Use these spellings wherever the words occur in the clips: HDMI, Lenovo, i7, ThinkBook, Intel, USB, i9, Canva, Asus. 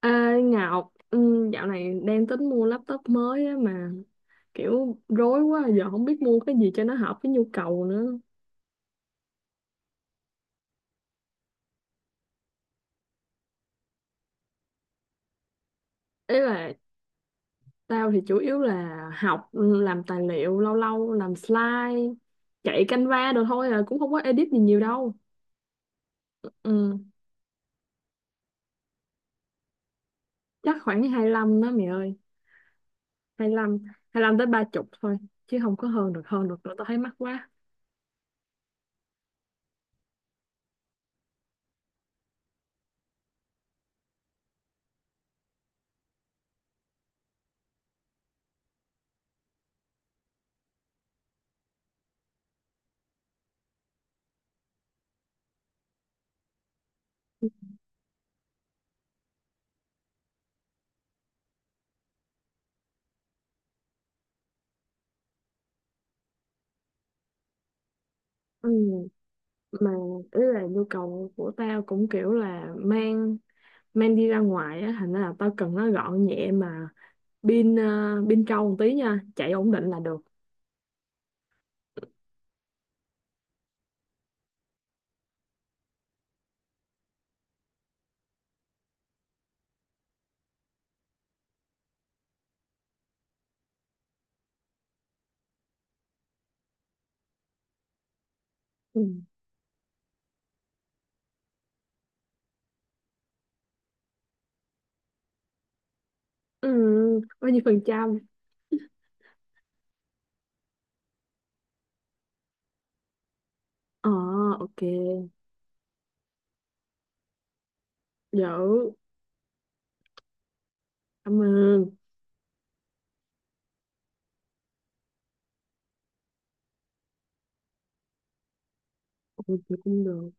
À, Ngọc, dạo này đang tính mua laptop mới á mà kiểu rối quá giờ không biết mua cái gì cho nó hợp với nhu cầu nữa. Ý là tao thì chủ yếu là học, làm tài liệu lâu lâu làm slide, chạy Canva đồ thôi à cũng không có edit gì nhiều đâu. Ừ, chắc khoảng hai lăm đó mày ơi, hai lăm hai lăm tới ba chục thôi chứ không có hơn được nữa tao thấy mắc quá. Ừ, mà ý là nhu cầu của tao cũng kiểu là mang mang đi ra ngoài á, thành ra là tao cần nó gọn nhẹ mà pin ờ, pin trâu một tí nha, chạy ổn định là được. Ừ. Ừ, bao nhiêu phần trăm? Ờ, ok. Dữ. Cảm ơn. Ừ, thì cũng được.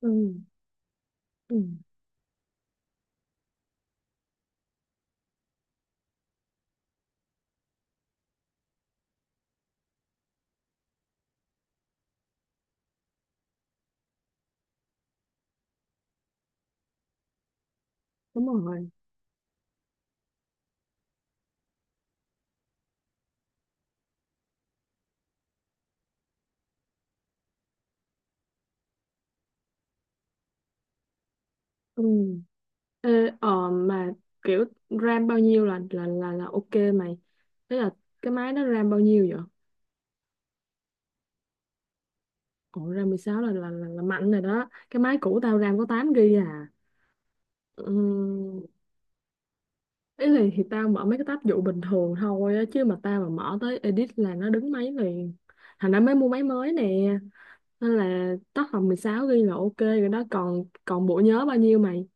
Ừ. Ừ. Đúng rồi. Ừ. Ê, mà kiểu RAM bao nhiêu là ok mày, thế là cái máy đó RAM bao nhiêu vậy? Ủa, RAM 16 là mạnh rồi đó, cái máy cũ tao RAM có 8 GB à. Ừ. Ý là thì tao mở mấy cái tab vụ bình thường thôi á, chứ mà tao mà mở tới edit là nó đứng máy liền. Thành ra mới mua máy mới nè. Nên là tác phẩm 16 ghi là ok rồi đó, còn còn bộ nhớ bao nhiêu mày?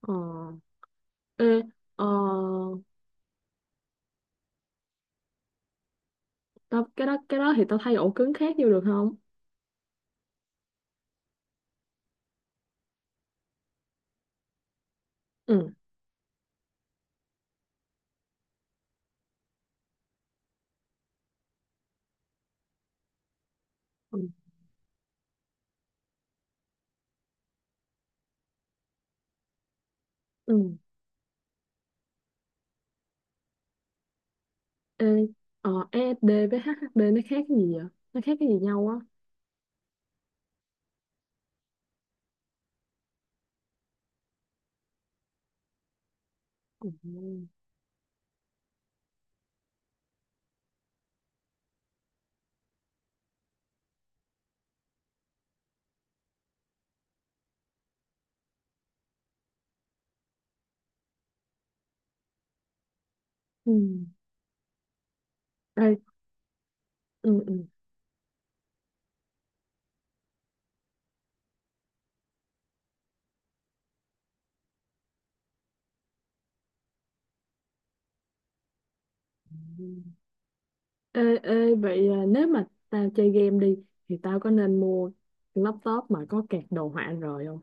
Ờ. Ê, ờ, tao cái đó thì tao thay ổ cứng khác vô được không? Ừ. Ừ. Ừ. Ê, SSD với HDD nó khác cái gì vậy? Nó khác cái gì nhau á? Ừ. Ừ. Ê. Ừ. Ừ. Ê, vậy à, nếu mà tao chơi game đi thì tao có nên mua laptop mà có card đồ họa rồi không?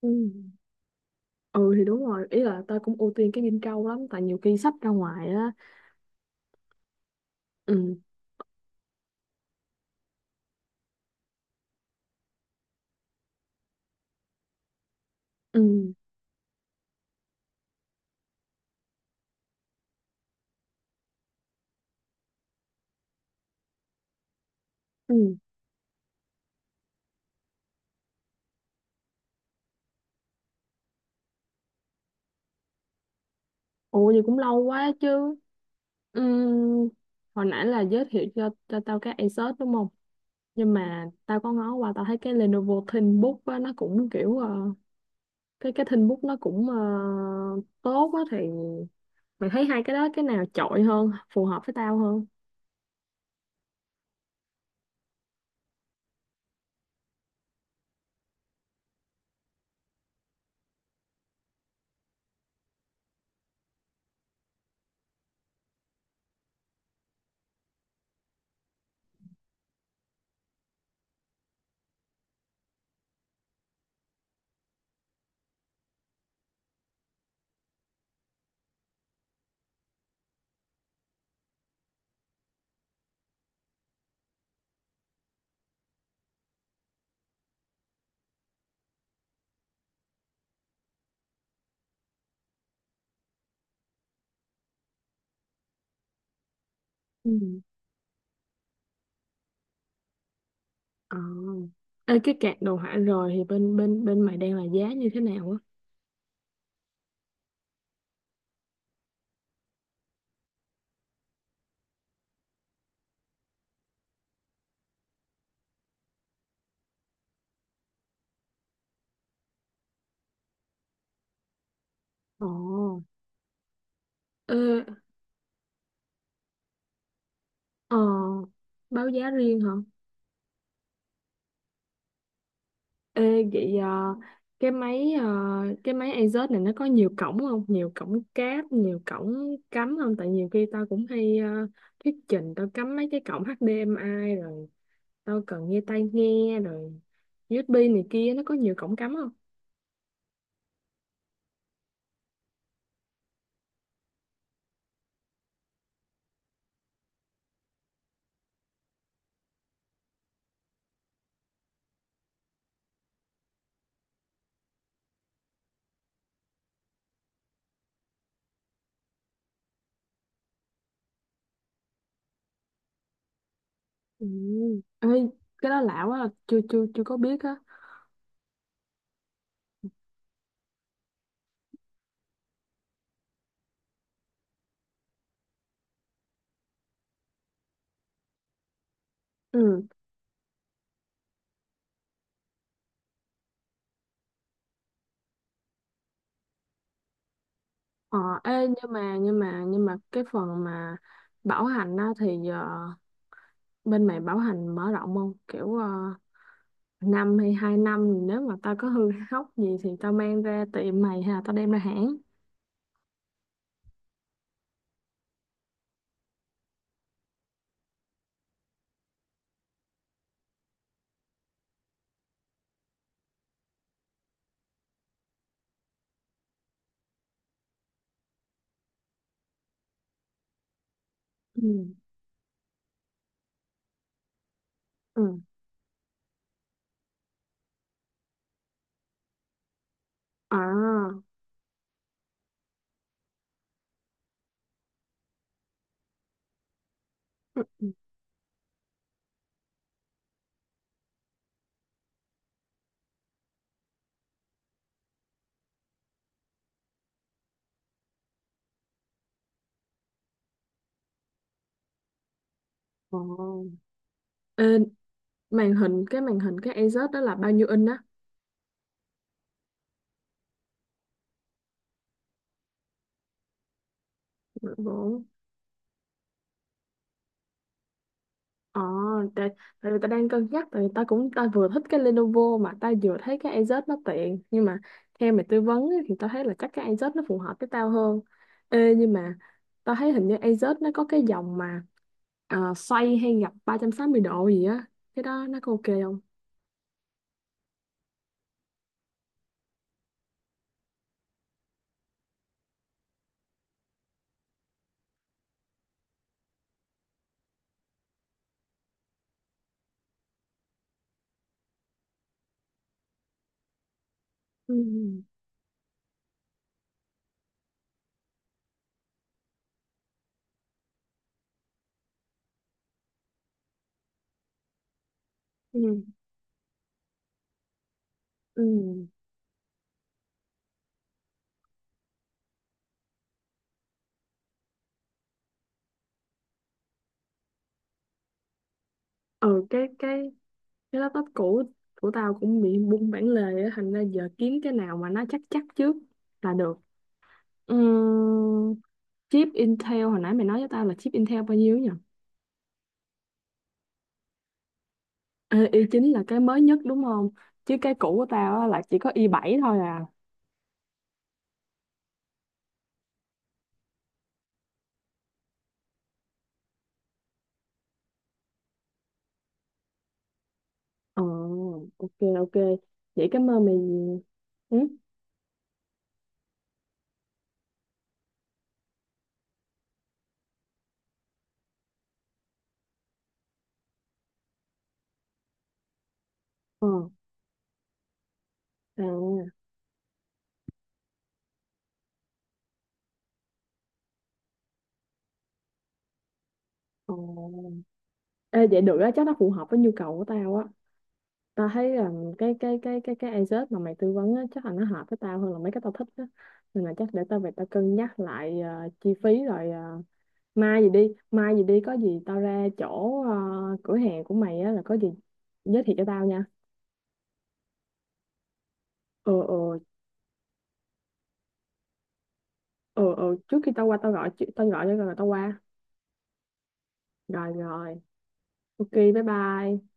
Ừ. Ừ thì đúng rồi, ý là tao cũng ưu tiên cái game trâu lắm tại nhiều khi sách ra ngoài á. Ừ, ừ, ừ. Ủa vậy cũng lâu quá chứ. Ừ, hồi nãy là giới thiệu cho tao cái Asus đúng không? Nhưng mà tao có ngó qua tao thấy cái Lenovo ThinkBook á nó cũng kiểu, cái ThinkBook nó cũng tốt á, thì mày thấy hai cái đó cái nào chọi hơn, phù hợp với tao hơn? Ừ. Ờ. Ê, cái cạc đồ họa rồi thì bên bên bên mày đang là giá như thế nào á? Ồ. Ê, ờ, báo giá riêng hả? Ê, vậy, cái máy ờ, cái máy Asus này nó có nhiều cổng không? Nhiều cổng cáp, nhiều cổng cắm không? Tại nhiều khi tao cũng hay thuyết trình, tao cắm mấy cái cổng HDMI rồi, tao cần nghe tai nghe rồi, USB này kia, nó có nhiều cổng cắm không? Ừ. Ê, cái đó lạ quá à. Chưa chưa chưa có biết á. Ừ. Ờ. Ê, nhưng mà cái phần mà bảo hành á thì, bên mày bảo hành mở rộng không? Kiểu, năm hay hai năm, nếu mà tao có hư hóc gì thì tao mang ra tiệm mày hay là tao đem ra hãng? Ừ. Ừ. À. Ừ. Ừ. Ồ. Ê, màn hình cái Asus đó là bao nhiêu inch á? Bộ- Ờ, tại, tại vì ta đang cân nhắc, tại vì ta vừa thích cái Lenovo mà ta vừa thấy cái Asus nó tiện, nhưng mà theo mày tư vấn ấy, thì ta thấy là chắc cái Asus nó phù hợp với tao hơn. Ê, nhưng mà ta thấy hình như Asus nó có cái dòng mà xoay hay gập 360 độ gì á, cái đó nó có ok không? Ừ. Ừ. Ừ. Ừ cái laptop cũ của tao cũng bị bung bản lề á, thành ra giờ kiếm cái nào mà nó chắc chắc trước là được. Ừ. Chip Intel hồi nãy mày nói với tao là chip Intel bao nhiêu nhỉ? Ê, i9 là cái mới nhất đúng không? Chứ cái cũ của tao á là chỉ có i7 thôi à. Ờ, ok, ok. Vậy cảm ơn mày. Ừ? Ờ, à, ờ. Ê, vậy được á, chắc nó phù hợp với nhu cầu của tao á. Tao thấy là cái Asus mà mày tư vấn á, chắc là nó hợp với tao hơn là mấy cái tao thích á. Nên là chắc để tao về tao cân nhắc lại chi phí, rồi mai gì đi có gì tao ra chỗ cửa hàng của mày á, là có gì giới thiệu cho tao nha. Ờ, ờ, ờ, ờ, trước khi tao qua tao tao gọi cho rồi tao qua. Rồi, rồi, ok, bye bye.